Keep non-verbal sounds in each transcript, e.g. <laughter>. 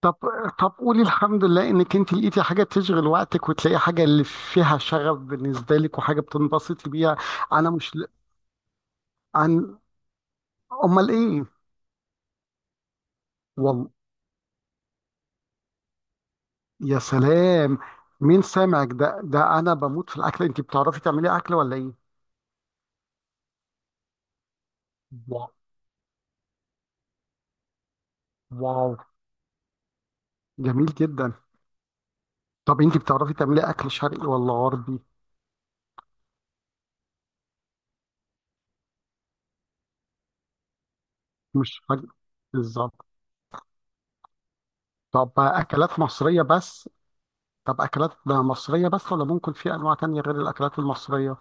طب طب قولي الحمد لله انك انت لقيتي حاجه تشغل وقتك وتلاقي حاجه اللي فيها شغف بالنسبه لك وحاجه بتنبسطي بيها. انا مش ل- عن امال ايه؟ والله. يا سلام، مين سامعك؟ ده ده انا بموت في الاكل، انت بتعرفي تعملي اكل ولا ايه؟ واو. واو. جميل جدا. طب انت بتعرفي تعملي اكل شرقي ولا غربي؟ مش حاجه. بالظبط. طب اكلات مصريه بس؟ طب اكلات مصريه بس ولا ممكن في انواع تانية غير الاكلات المصريه؟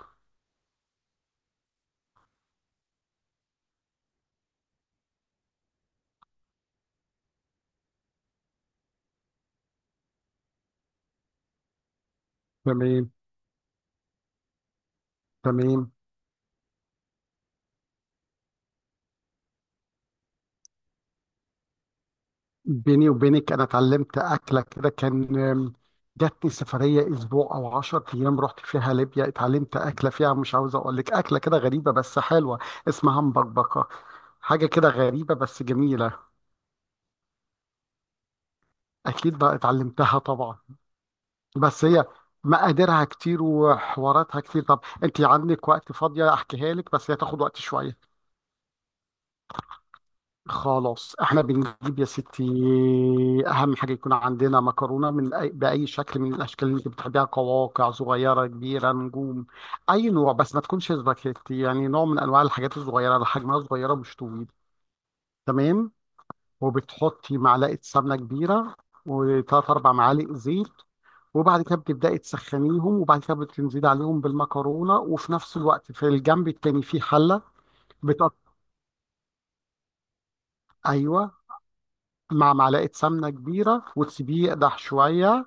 تمام. تمام. بيني وبينك انا اتعلمت اكله كده كان جاتني سفريه اسبوع او 10 ايام رحت فيها ليبيا، اتعلمت اكله فيها، مش عاوز اقول لك اكله كده غريبه بس حلوه. اسمها مبكبكه، حاجه كده غريبه بس جميله. اكيد بقى اتعلمتها طبعا، بس هي مقاديرها كتير وحواراتها كتير. طب انت عندك وقت فاضيه احكيها لك، بس هي تاخد وقت شويه. خلاص، احنا بنجيب يا ستي. اهم حاجه يكون عندنا مكرونه من أي باي شكل من الاشكال اللي انت بتحبيها، قواقع صغيره كبيره نجوم، اي نوع بس ما تكونش سباكيتي، يعني نوع من انواع الحاجات الصغيره اللي حجمها صغيره مش طويل. تمام. وبتحطي معلقه سمنه كبيره وثلاث اربع معالق زيت، وبعد كده بتبداي تسخنيهم، وبعد كده بتنزلي عليهم بالمكرونه، وفي نفس الوقت في الجنب التاني في حله. بتقط... ايوه، مع معلقه سمنه كبيره وتسيبيه يقدح شويه.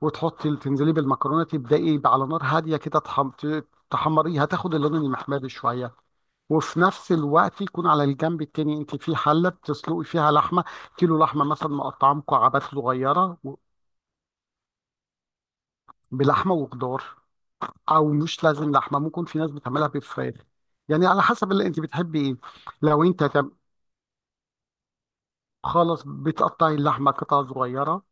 وتحطي تنزلي بالمكرونه، تبداي على نار هاديه كده، تحمريها تاخد اللون المحمر شويه. وفي نفس الوقت يكون على الجنب التاني انت في حله بتسلقي فيها لحمه، كيلو لحمه مثلا مقطعه مكعبات صغيره بلحمه وخضار، او مش لازم لحمه، ممكن في ناس بتعملها بفراخ، يعني على حسب اللي انت بتحبي ايه. لو انت تم- خلاص، بتقطعي اللحمه قطع صغيره،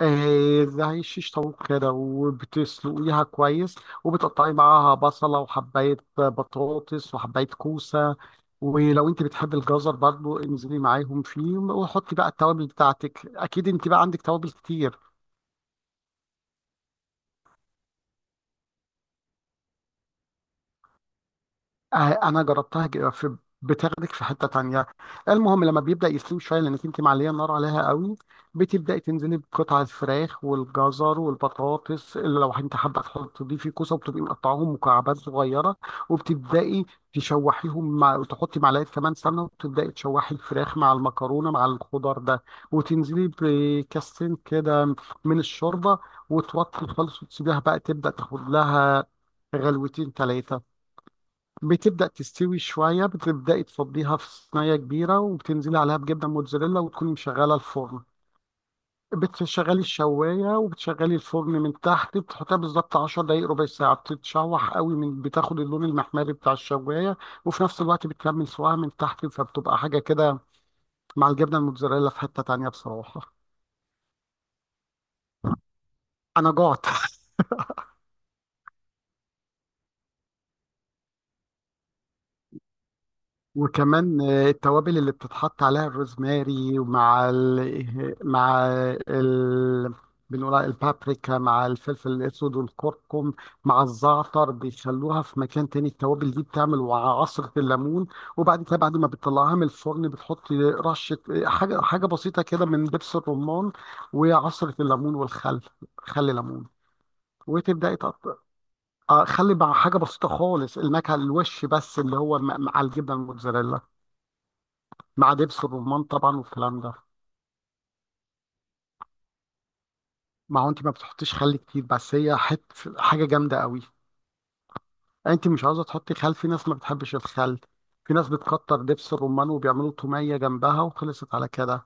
زي شيش طاووق كده، وبتسلقيها كويس، وبتقطعي معاها بصلة وحباية بطاطس وحباية كوسة. ولو انت بتحبي الجزر برضو انزلي معاهم فيه، وحطي بقى التوابل بتاعتك، اكيد انت بقى عندك توابل كتير. آه، انا جربتها ج- في بتاخدك في حته تانية. المهم لما بيبدا يستوي شويه، لانك انت معليه النار عليها قوي، بتبداي تنزلي بقطع الفراخ والجزر والبطاطس، اللي لو انت حابه تحطي فيه كوسه، وبتبقي مقطعاهم مكعبات صغيره، وبتبداي تشوحيهم مع، وتحطي معلقه كمان سمنه، وتبداي تشوحي الفراخ مع المكرونه مع الخضار ده. وتنزلي بكاستين كده من الشوربه، وتوطي خالص وتسيبيها بقى تبدا تاخد لها غلوتين ثلاثه. بتبدأ تستوي شوية، بتبدأي تفضيها في صينية كبيرة وبتنزلي عليها بجبنة موتزاريلا، وتكوني مشغلة الفرن. بتشغلي الشواية وبتشغلي الفرن من تحت، بتحطها بالظبط 10 دقايق ربع ساعة، بتتشوح قوي من بتاخد اللون المحمري بتاع الشواية، وفي نفس الوقت بتكمل سواها من تحت، فبتبقى حاجة كده مع الجبنة الموتزاريلا في حتة تانية بصراحة. أنا جعت. <laughs> وكمان التوابل اللي بتتحط عليها الروزماري ومع ال... بنقول عليها البابريكا مع الفلفل الاسود والكركم مع الزعتر، بيخلوها في مكان تاني. التوابل دي بتعمل مع عصرة الليمون، وبعد كده بعد ما بتطلعها من الفرن بتحط رشة حاجة حاجة بسيطة كده من دبس الرمان وعصرة الليمون والخل. خل ليمون. وتبدأي تقط- خلي مع حاجة بسيطة خالص، النكهة الوش بس، اللي هو مع مع الجبنة الموتزاريلا مع دبس الرمان طبعا والكلام ده. ما هو انت ما بتحطيش خل كتير، بس هي حت حاجه جامده قوي. انت مش عاوزه تحطي خل، في ناس ما بتحبش الخل، في ناس بتكتر دبس الرمان وبيعملوا توميه جنبها، وخلصت على كده.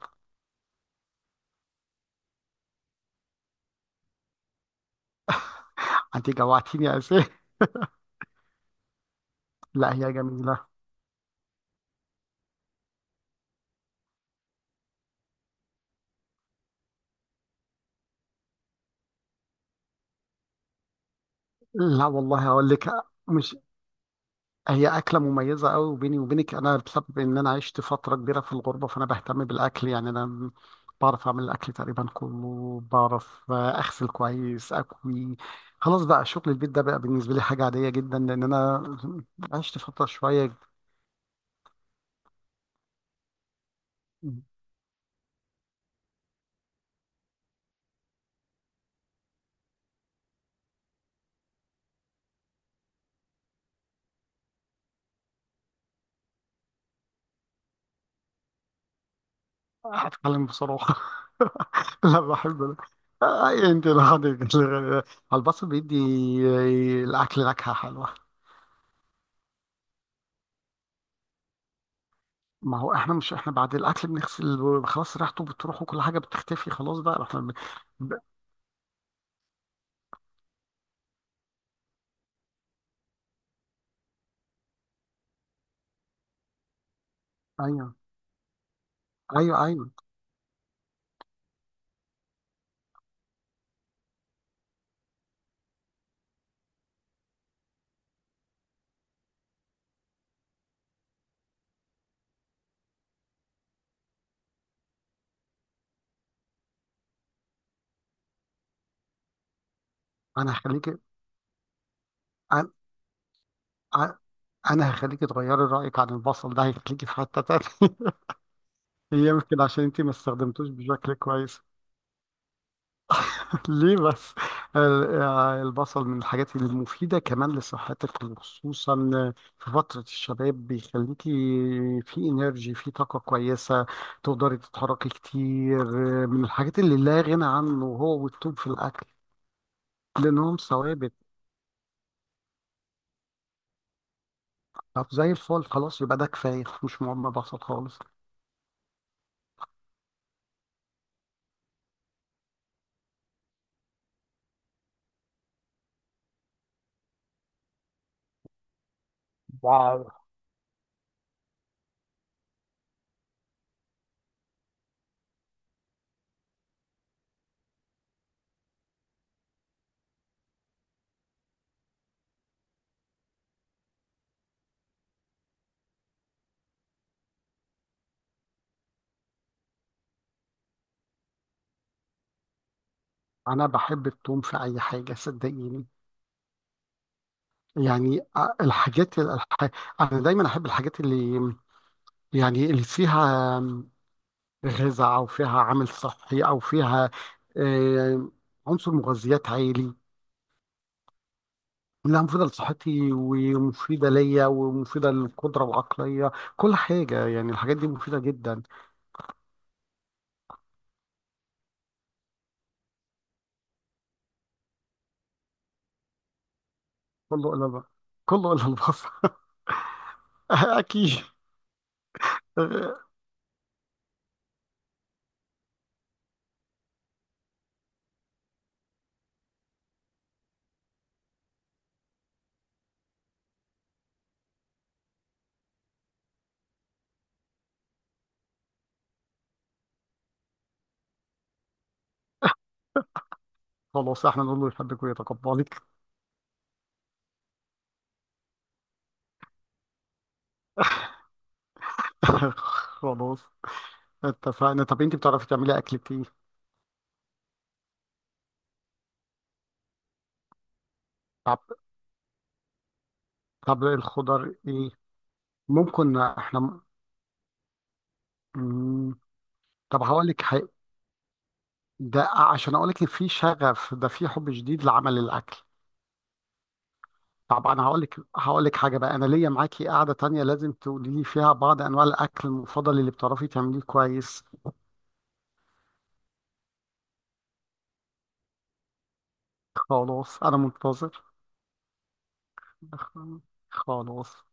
انت جوعتيني يا اسف. <laughs> لا هي جميله. لا والله هقول لك، مش هي أكلة مميزة قوي. وبيني وبينك أنا بسبب إن أنا عشت فترة كبيرة في الغربة فأنا بهتم بالأكل، يعني أنا بعرف أعمل الأكل تقريبا كله، بعرف أغسل كويس أكوي، خلاص بقى شغل البيت ده بقى بالنسبة لي حاجة عادية جدا لأن أنا عشت فترة شوية. هتكلم بصراحة. <laughs> لا بحب ده. أنت لوحدك. <laughs> على البصل بيدي الأكل نكهة حلوة. ما هو احنا مش، احنا بعد الاكل بنغسل خلاص ريحته بتروح وكل حاجه بتختفي خلاص بقى احنا ب... ايوه. ايوه. ايوه. انا هخليك انا انا هخليك تغيري رايك عن البصل ده، هيخليكي في حته تانيه. <laughs> يمكن عشان انت ما استخدمتوش بشكل كويس. ليه بس؟ البصل من الحاجات المفيدة كمان لصحتك، وخصوصا في فترة الشباب بيخليكي في انرجي، في طاقة كويسة تقدري تتحركي كتير. من الحاجات اللي لا غنى عنه هو والثوم في الأكل، لأنهم ثوابت. طب زي الفل، خلاص يبقى ده كفاية، مش مهم بصل خالص. واو. انا بحب التوم في اي حاجه صدقيني، يعني انا دايما احب الحاجات اللي، يعني اللي فيها غذاء او فيها عامل صحي او فيها آه، عنصر مغذيات عالي، لها مفيدة لصحتي ومفيدة ليا ومفيدة للقدرة العقلية كل حاجة، يعني الحاجات دي مفيدة جدا. كله إلا، كله إلا البصل. <laughs> أكيد. خلاص احنا نقول له يحبك ويتقبلك. <laughs> خلاص، اتفقنا. طب انت بتعرفي تعملي أكلة ايه؟ طب طب الخضار ايه؟ ممكن احنا. مم. طب هقول لك، ده عشان اقول لك ان في شغف، ده في حب شديد لعمل الاكل. طب انا هقول لك، حاجه بقى، انا ليا معاكي قاعده تانية لازم تقولي لي فيها بعض انواع الاكل المفضل اللي بتعرفي تعمليه كويس. خلاص انا منتظر. خلاص.